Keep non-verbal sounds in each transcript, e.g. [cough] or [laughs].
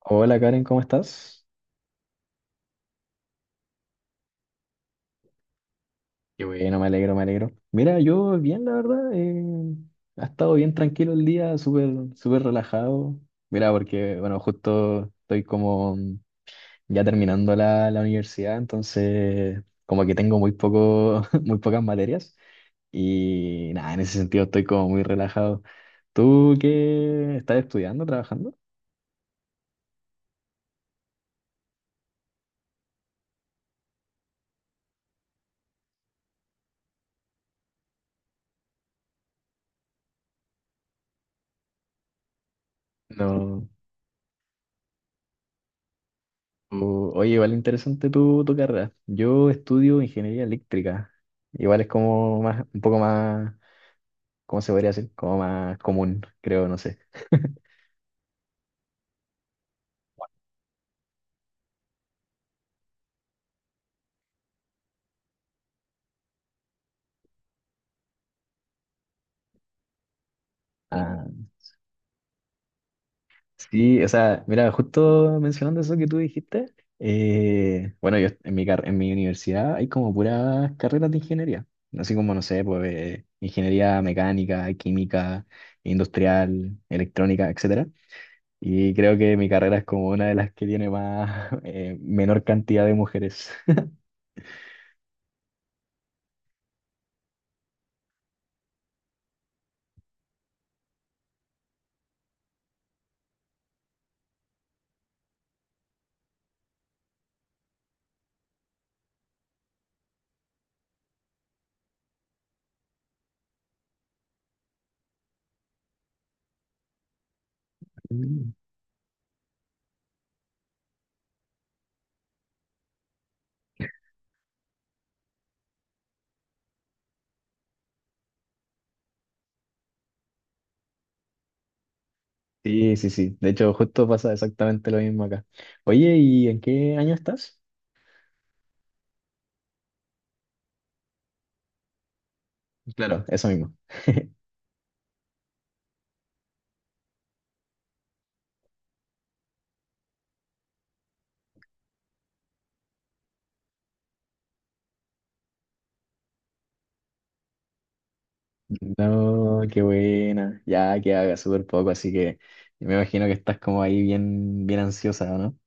Hola Karen, ¿cómo estás? Qué bueno, me alegro, me alegro. Mira, yo bien, la verdad. Ha estado bien tranquilo el día, súper, súper relajado. Mira, porque, bueno, justo estoy como ya terminando la universidad, entonces como que tengo muy poco, [laughs] muy pocas materias. Y nada, en ese sentido estoy como muy relajado. ¿Tú qué estás estudiando, trabajando? No. Oye, igual interesante tu carrera. Yo estudio ingeniería eléctrica. Igual es como más, un poco más, ¿cómo se podría decir? Como más común, creo, no sé. [laughs] Ah, sí, o sea, mira, justo mencionando eso que tú dijiste, bueno, yo en en mi universidad hay como puras carreras de ingeniería, así como, no sé, pues ingeniería mecánica, química, industrial, electrónica, etcétera. Y creo que mi carrera es como una de las que tiene más, [laughs] menor cantidad de mujeres. Mm. [laughs] Sí, sí, sí. De hecho, justo pasa exactamente lo mismo acá. Oye, ¿y en qué año estás? Claro, eso mismo. [laughs] No, qué buena. Ya que haga súper poco, así que me imagino que estás como ahí bien, bien ansiosa, ¿o no?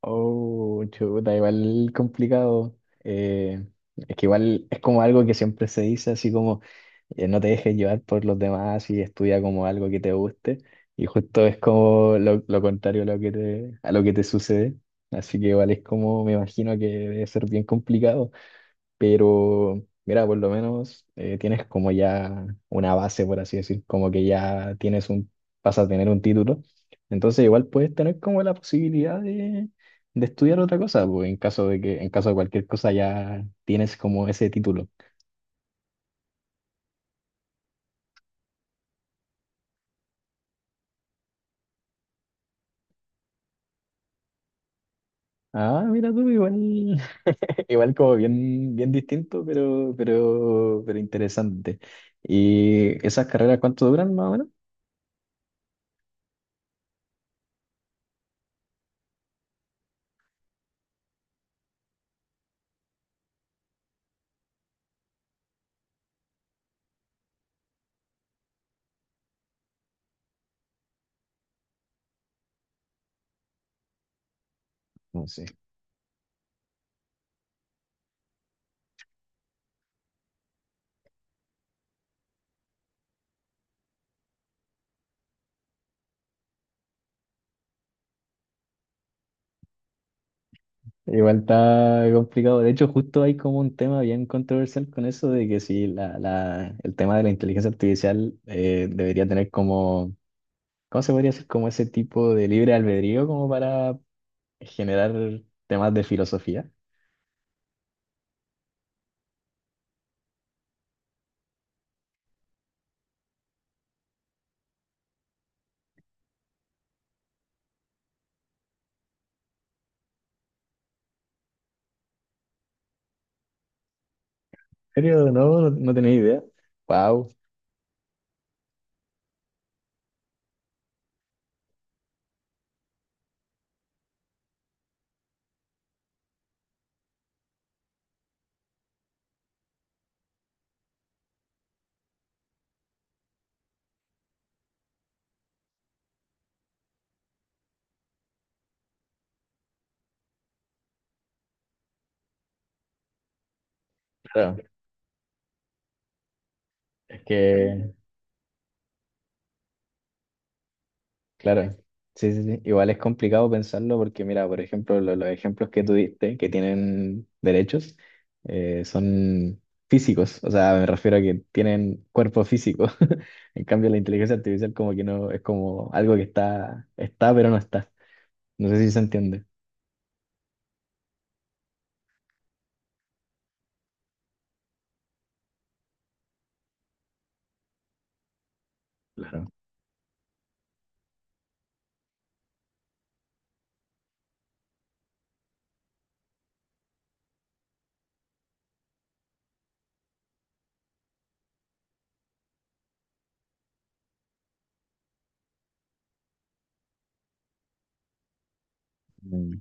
Oh, chuta, igual complicado. Eh, es que igual es como algo que siempre se dice así como. No te dejes llevar por los demás y estudia como algo que te guste. Y justo es como lo contrario a lo que a lo que te sucede. Así que igual es como, me imagino que debe ser bien complicado, pero mira, por lo menos tienes como ya una base, por así decir, como que ya tienes un, vas a tener un título. Entonces igual puedes tener como la posibilidad de estudiar otra cosa, pues, en caso de que, en caso de cualquier cosa ya tienes como ese título. Ah, mira tú, igual. Igual como bien, bien distinto, pero interesante. ¿Y esas carreras cuánto duran más o menos? No sé. Igual está complicado. De hecho, justo hay como un tema bien controversial con eso de que si el tema de la inteligencia artificial debería tener como, ¿cómo se podría decir? Como ese tipo de libre albedrío como para generar temas de filosofía. ¿En serio? No, no, no tenía idea. Wow. Claro, es que... Claro, sí, sí, sí. Igual es complicado pensarlo porque, mira, por ejemplo, los ejemplos que tú diste, que tienen derechos, son físicos, o sea, me refiero a que tienen cuerpo físico. [laughs] En cambio, la inteligencia artificial como que no, es como algo que está, pero no está. No sé si se entiende. Claro. Claro.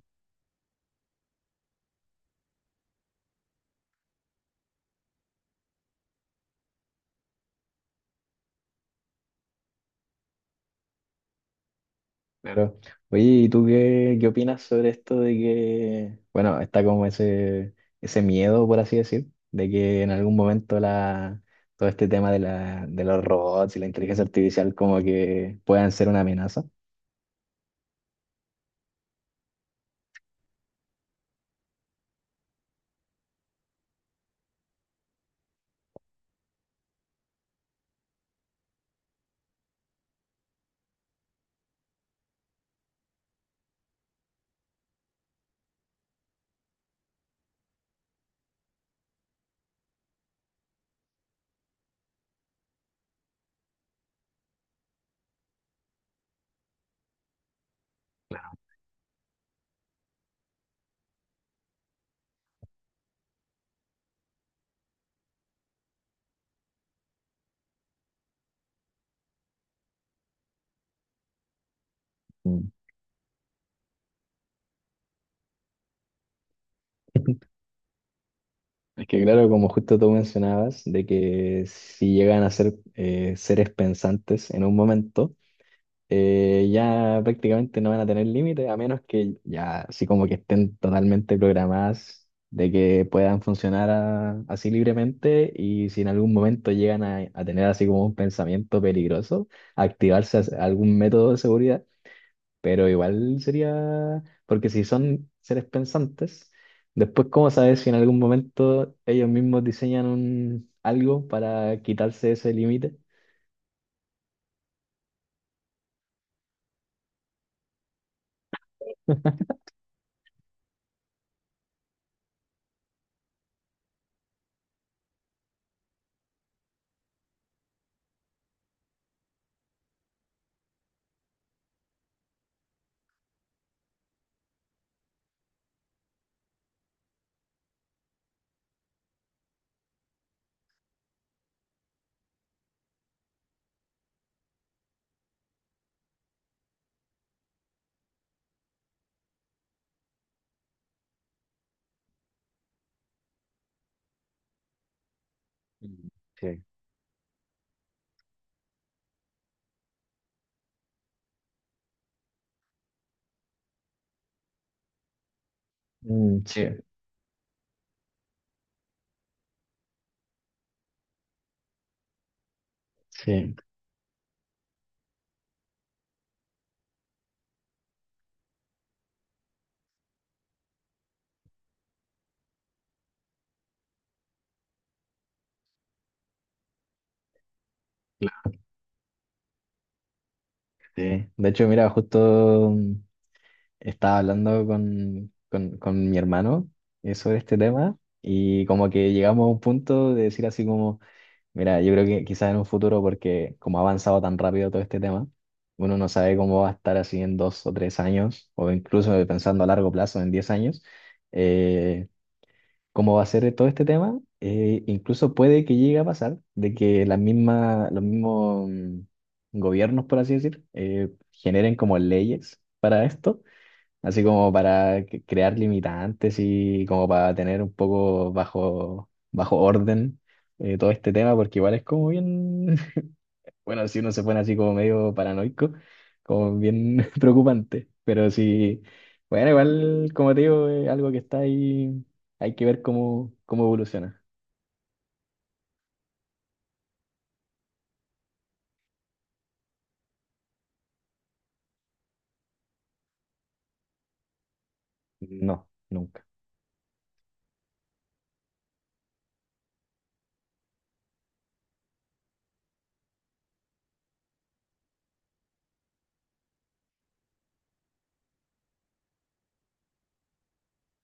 Claro. Oye, ¿y tú qué, qué opinas sobre esto de que, bueno, está como ese miedo, por así decir, de que en algún momento todo este tema de, de los robots y la inteligencia artificial como que puedan ser una amenaza? Mm. Es que claro, como justo tú mencionabas, de que si llegan a ser seres pensantes en un momento, ya prácticamente no van a tener límite, a menos que ya así como que estén totalmente programadas de que puedan funcionar así libremente y si en algún momento llegan a tener así como un pensamiento peligroso, activarse algún método de seguridad, pero igual sería, porque si son seres pensantes, después cómo saber si en algún momento ellos mismos diseñan un, algo para quitarse ese límite. Mm. Sí. Mm, sí, sí. Sí. De hecho, mira, justo estaba hablando con mi hermano sobre este tema y como que llegamos a un punto de decir así como, mira, yo creo que quizás en un futuro, porque como ha avanzado tan rápido todo este tema, uno no sabe cómo va a estar así en 2 o 3 años, o incluso pensando a largo plazo, en 10 años, eh, cómo va a ser todo este tema, incluso puede que llegue a pasar de que las mismas, los mismos gobiernos, por así decir, generen como leyes para esto, así como crear limitantes y como para tener un poco bajo, bajo orden todo este tema, porque igual es como bien, [laughs] bueno, si uno se pone así como medio paranoico, como bien [laughs] preocupante, pero sí, bueno, igual, como te digo, es algo que está ahí, hay que ver cómo, cómo evoluciona. No, nunca.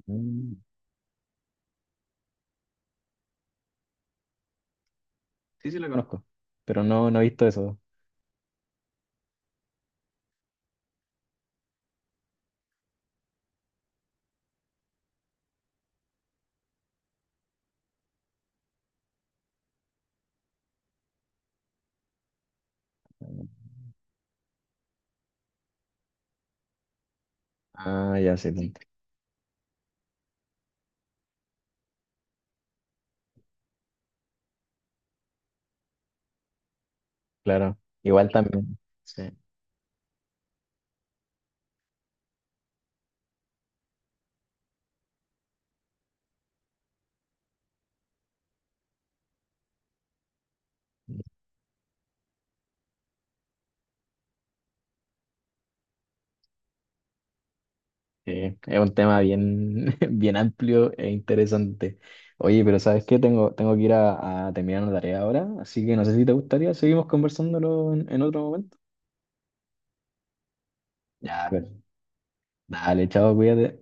Mm, sí la conozco, pero no, no he visto eso. Ah, ya sé, sí, claro. Igual también, sí. Sí, es un tema bien, [laughs] bien amplio e interesante. Oye, pero ¿sabes qué? Tengo, tengo que ir a terminar una tarea ahora, así que no sé si te gustaría, seguimos conversándolo en otro momento. Ya, pues, dale, chao, cuídate.